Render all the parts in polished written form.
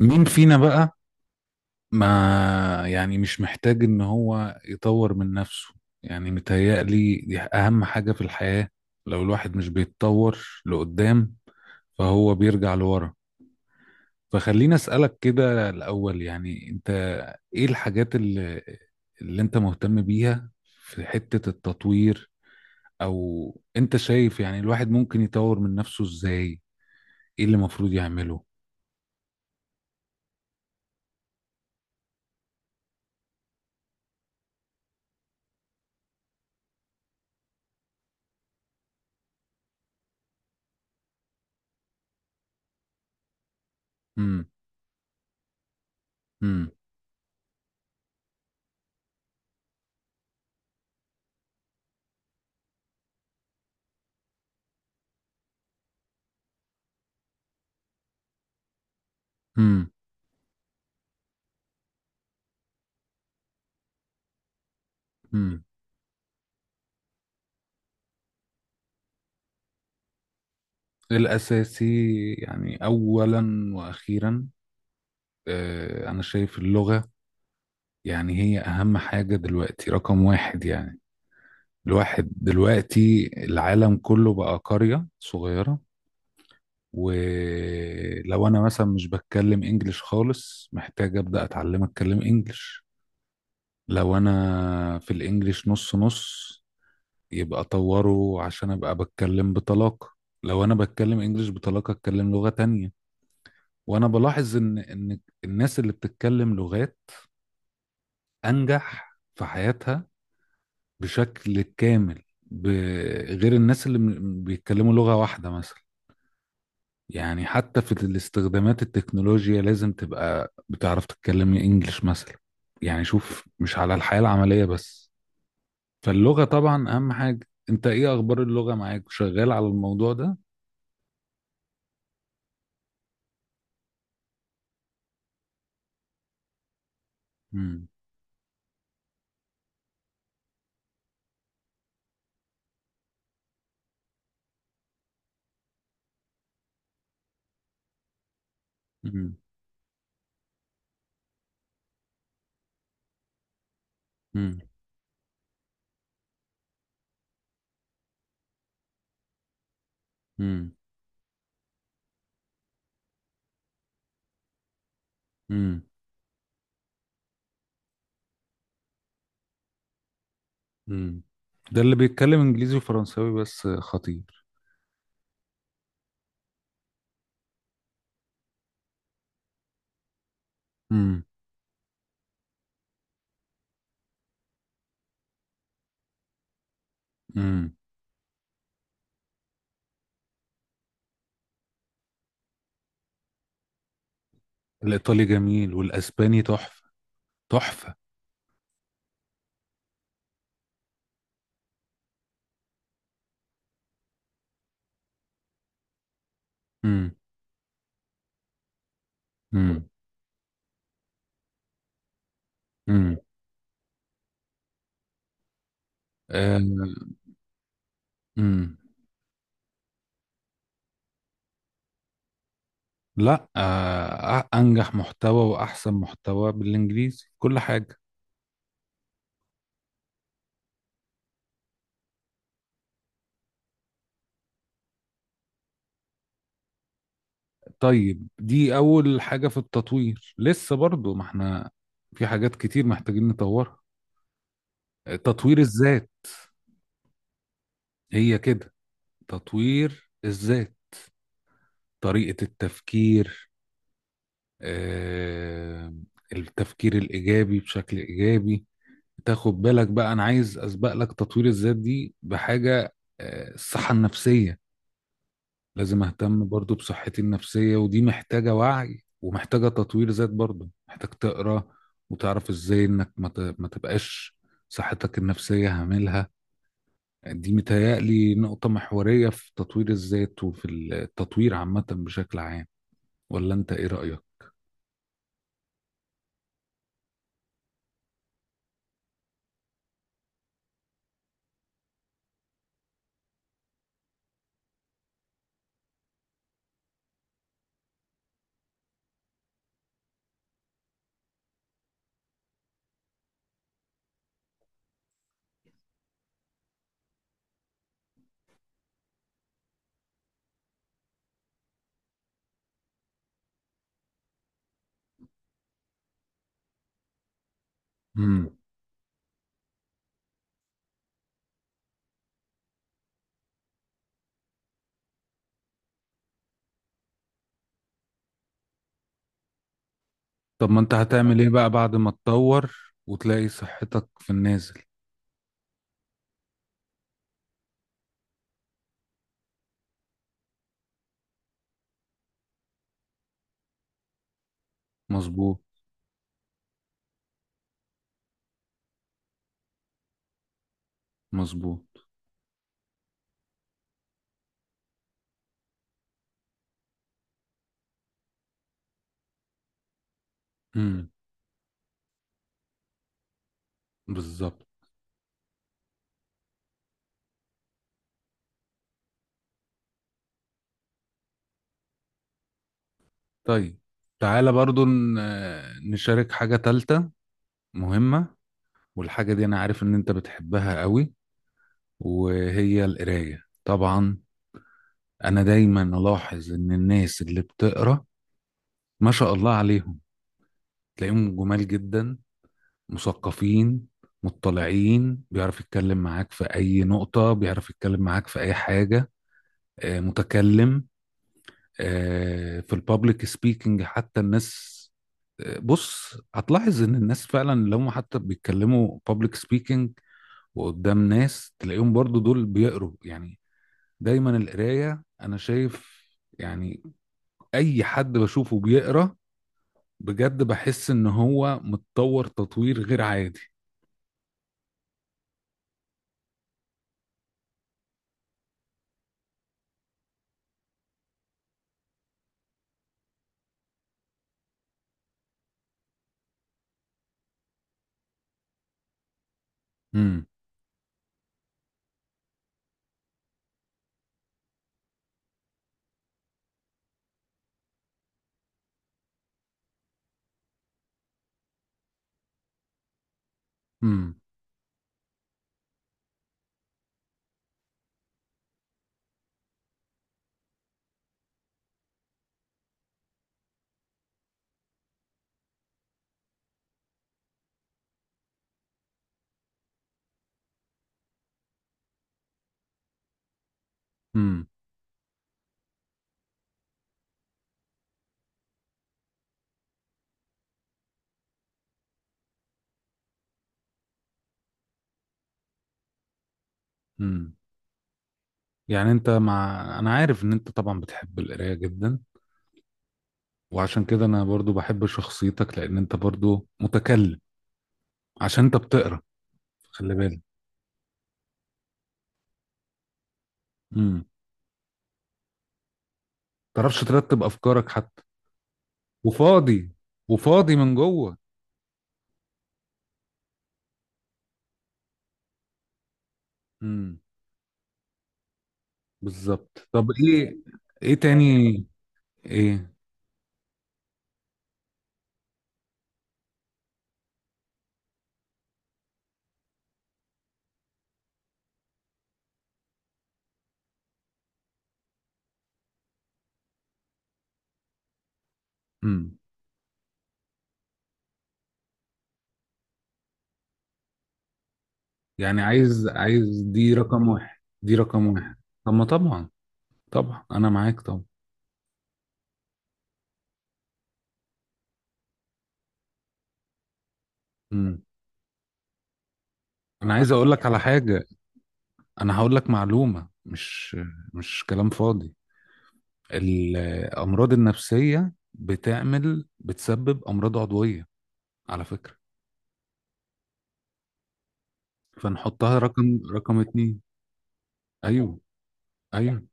مين فينا بقى؟ ما، يعني مش محتاج ان هو يطور من نفسه. يعني متهيألي دي اهم حاجة في الحياة. لو الواحد مش بيتطور لقدام، فهو بيرجع لورا. فخليني اسألك كده الاول، يعني انت ايه الحاجات اللي انت مهتم بيها في حتة التطوير؟ او انت شايف يعني الواحد ممكن يطور من نفسه ازاي؟ ايه اللي المفروض يعمله؟ امم. امم. امم. الأساسي، يعني أولا وأخيرا، آه، أنا شايف اللغة. يعني هي أهم حاجة دلوقتي، رقم واحد يعني. الواحد دلوقتي العالم كله بقى قرية صغيرة. ولو أنا مثلا مش بتكلم إنجليش خالص، محتاج أبدأ أتعلم أتكلم إنجليش. لو أنا في الإنجليش نص نص، يبقى أطوره عشان أبقى بتكلم بطلاقة. لو أنا بتكلم إنجليش بطلاقة، أتكلم لغة تانية. وانا بلاحظ ان الناس اللي بتتكلم لغات انجح في حياتها بشكل كامل بغير الناس اللي بيتكلموا لغة واحدة مثلا. يعني حتى في الاستخدامات التكنولوجيا لازم تبقى بتعرف تتكلم انجلش مثلا. يعني شوف مش على الحياة العملية بس. فاللغة طبعا اهم حاجة. انت ايه اخبار اللغة معاك؟ شغال على الموضوع ده؟ مم. مم. مم. مم. مم. مم. ده اللي بيتكلم انجليزي وفرنساوي بس خطير. امم. امم. الإيطالي جميل والأسباني تحفة. تحفة. امم. امم. امم. امم. لا، آه، أنجح محتوى وأحسن محتوى بالإنجليزي، كل حاجة. طيب دي أول حاجة في التطوير. لسه برضو ما احنا في حاجات كتير محتاجين نطورها. آه، تطوير الذات. هي كده، تطوير الذات، طريقة التفكير، آه، التفكير الإيجابي، بشكل إيجابي. تاخد بالك بقى، انا عايز اسبق لك تطوير الذات دي بحاجه. آه، الصحه النفسيه. لازم اهتم برضو بصحتي النفسيه، ودي محتاجه وعي ومحتاجه تطوير ذات. برضو محتاج تقرا وتعرف ازاي انك ما تبقاش صحتك النفسيه هاملها. دي متهيألي نقطه محوريه في تطوير الذات وفي التطوير عامه بشكل عام. ولا انت ايه رايك؟ امم. طب ما انت هتعمل ايه بقى بعد ما تطور وتلاقي صحتك في النازل؟ مظبوط. مظبوط. امم. بالظبط. طيب تعالى برضو نشارك حاجة تالتة مهمة. والحاجة دي أنا عارف إن أنت بتحبها قوي، وهي القراية طبعا. أنا دايما ألاحظ إن الناس اللي بتقرأ، ما شاء الله عليهم، تلاقيهم جمال جدا، مثقفين، مطلعين. بيعرف يتكلم معاك في أي نقطة، بيعرف يتكلم معاك في أي حاجة. آه، متكلم. آه، في البابليك سبيكنج حتى. الناس، آه، بص هتلاحظ ان الناس فعلا لو هم حتى بيتكلموا بابليك سبيكنج وقدام ناس، تلاقيهم برضو دول بيقروا يعني. دايما القراية انا شايف، يعني اي حد بشوفه بيقرا بجد، بحس ان هو متطور تطوير غير عادي. امم. امم. امم. امم. يعني انت مع، انا عارف ان انت طبعا بتحب القراية جدا. وعشان كده انا برضو بحب شخصيتك، لان انت برضو متكلم عشان انت بتقرا. خلي بالك. امم. تعرفش ترتب افكارك حتى. وفاضي. وفاضي من جوه. امم. بالظبط. طب ايه؟ ايه تاني؟ ايه؟ امم. يعني عايز، عايز دي رقم واحد، دي رقم واحد. طب ما طبعا. طبعا انا معاك طبعا. امم. انا عايز اقول لك على حاجه. انا هقول لك معلومه، مش كلام فاضي. الامراض النفسيه بتعمل، بتسبب امراض عضويه على فكره. فنحطها رقم اتنين. ايوه. ايوه.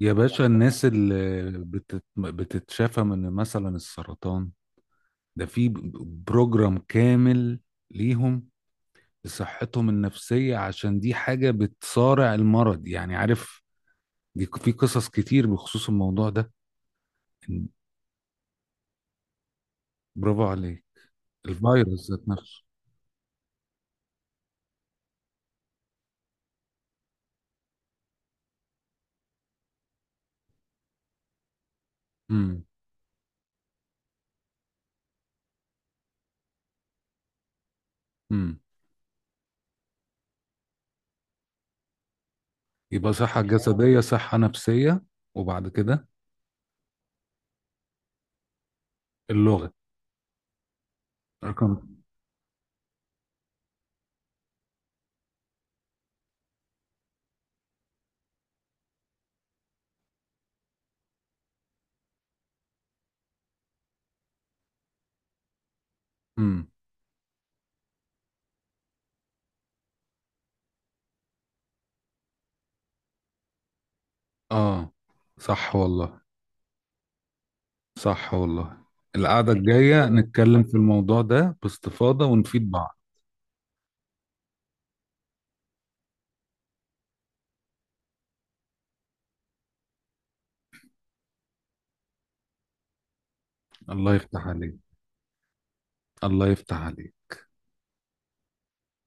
يا باشا، الناس اللي بتتشافى من مثلا السرطان، ده في بروجرام كامل ليهم لصحتهم النفسية، عشان دي حاجة بتصارع المرض، يعني عارف. دي في قصص كتير بخصوص الموضوع ده. برافو عليك. الفيروس ذات نفسه. امم. امم. يبقى صحة جسدية، صحة نفسية. وبعد كده اللغة رقم. امم. اه، صح والله. صح والله. القعدة الجاية نتكلم في الموضوع ده باستفاضة ونفيد بعض. الله يفتح عليك. الله يفتح عليك.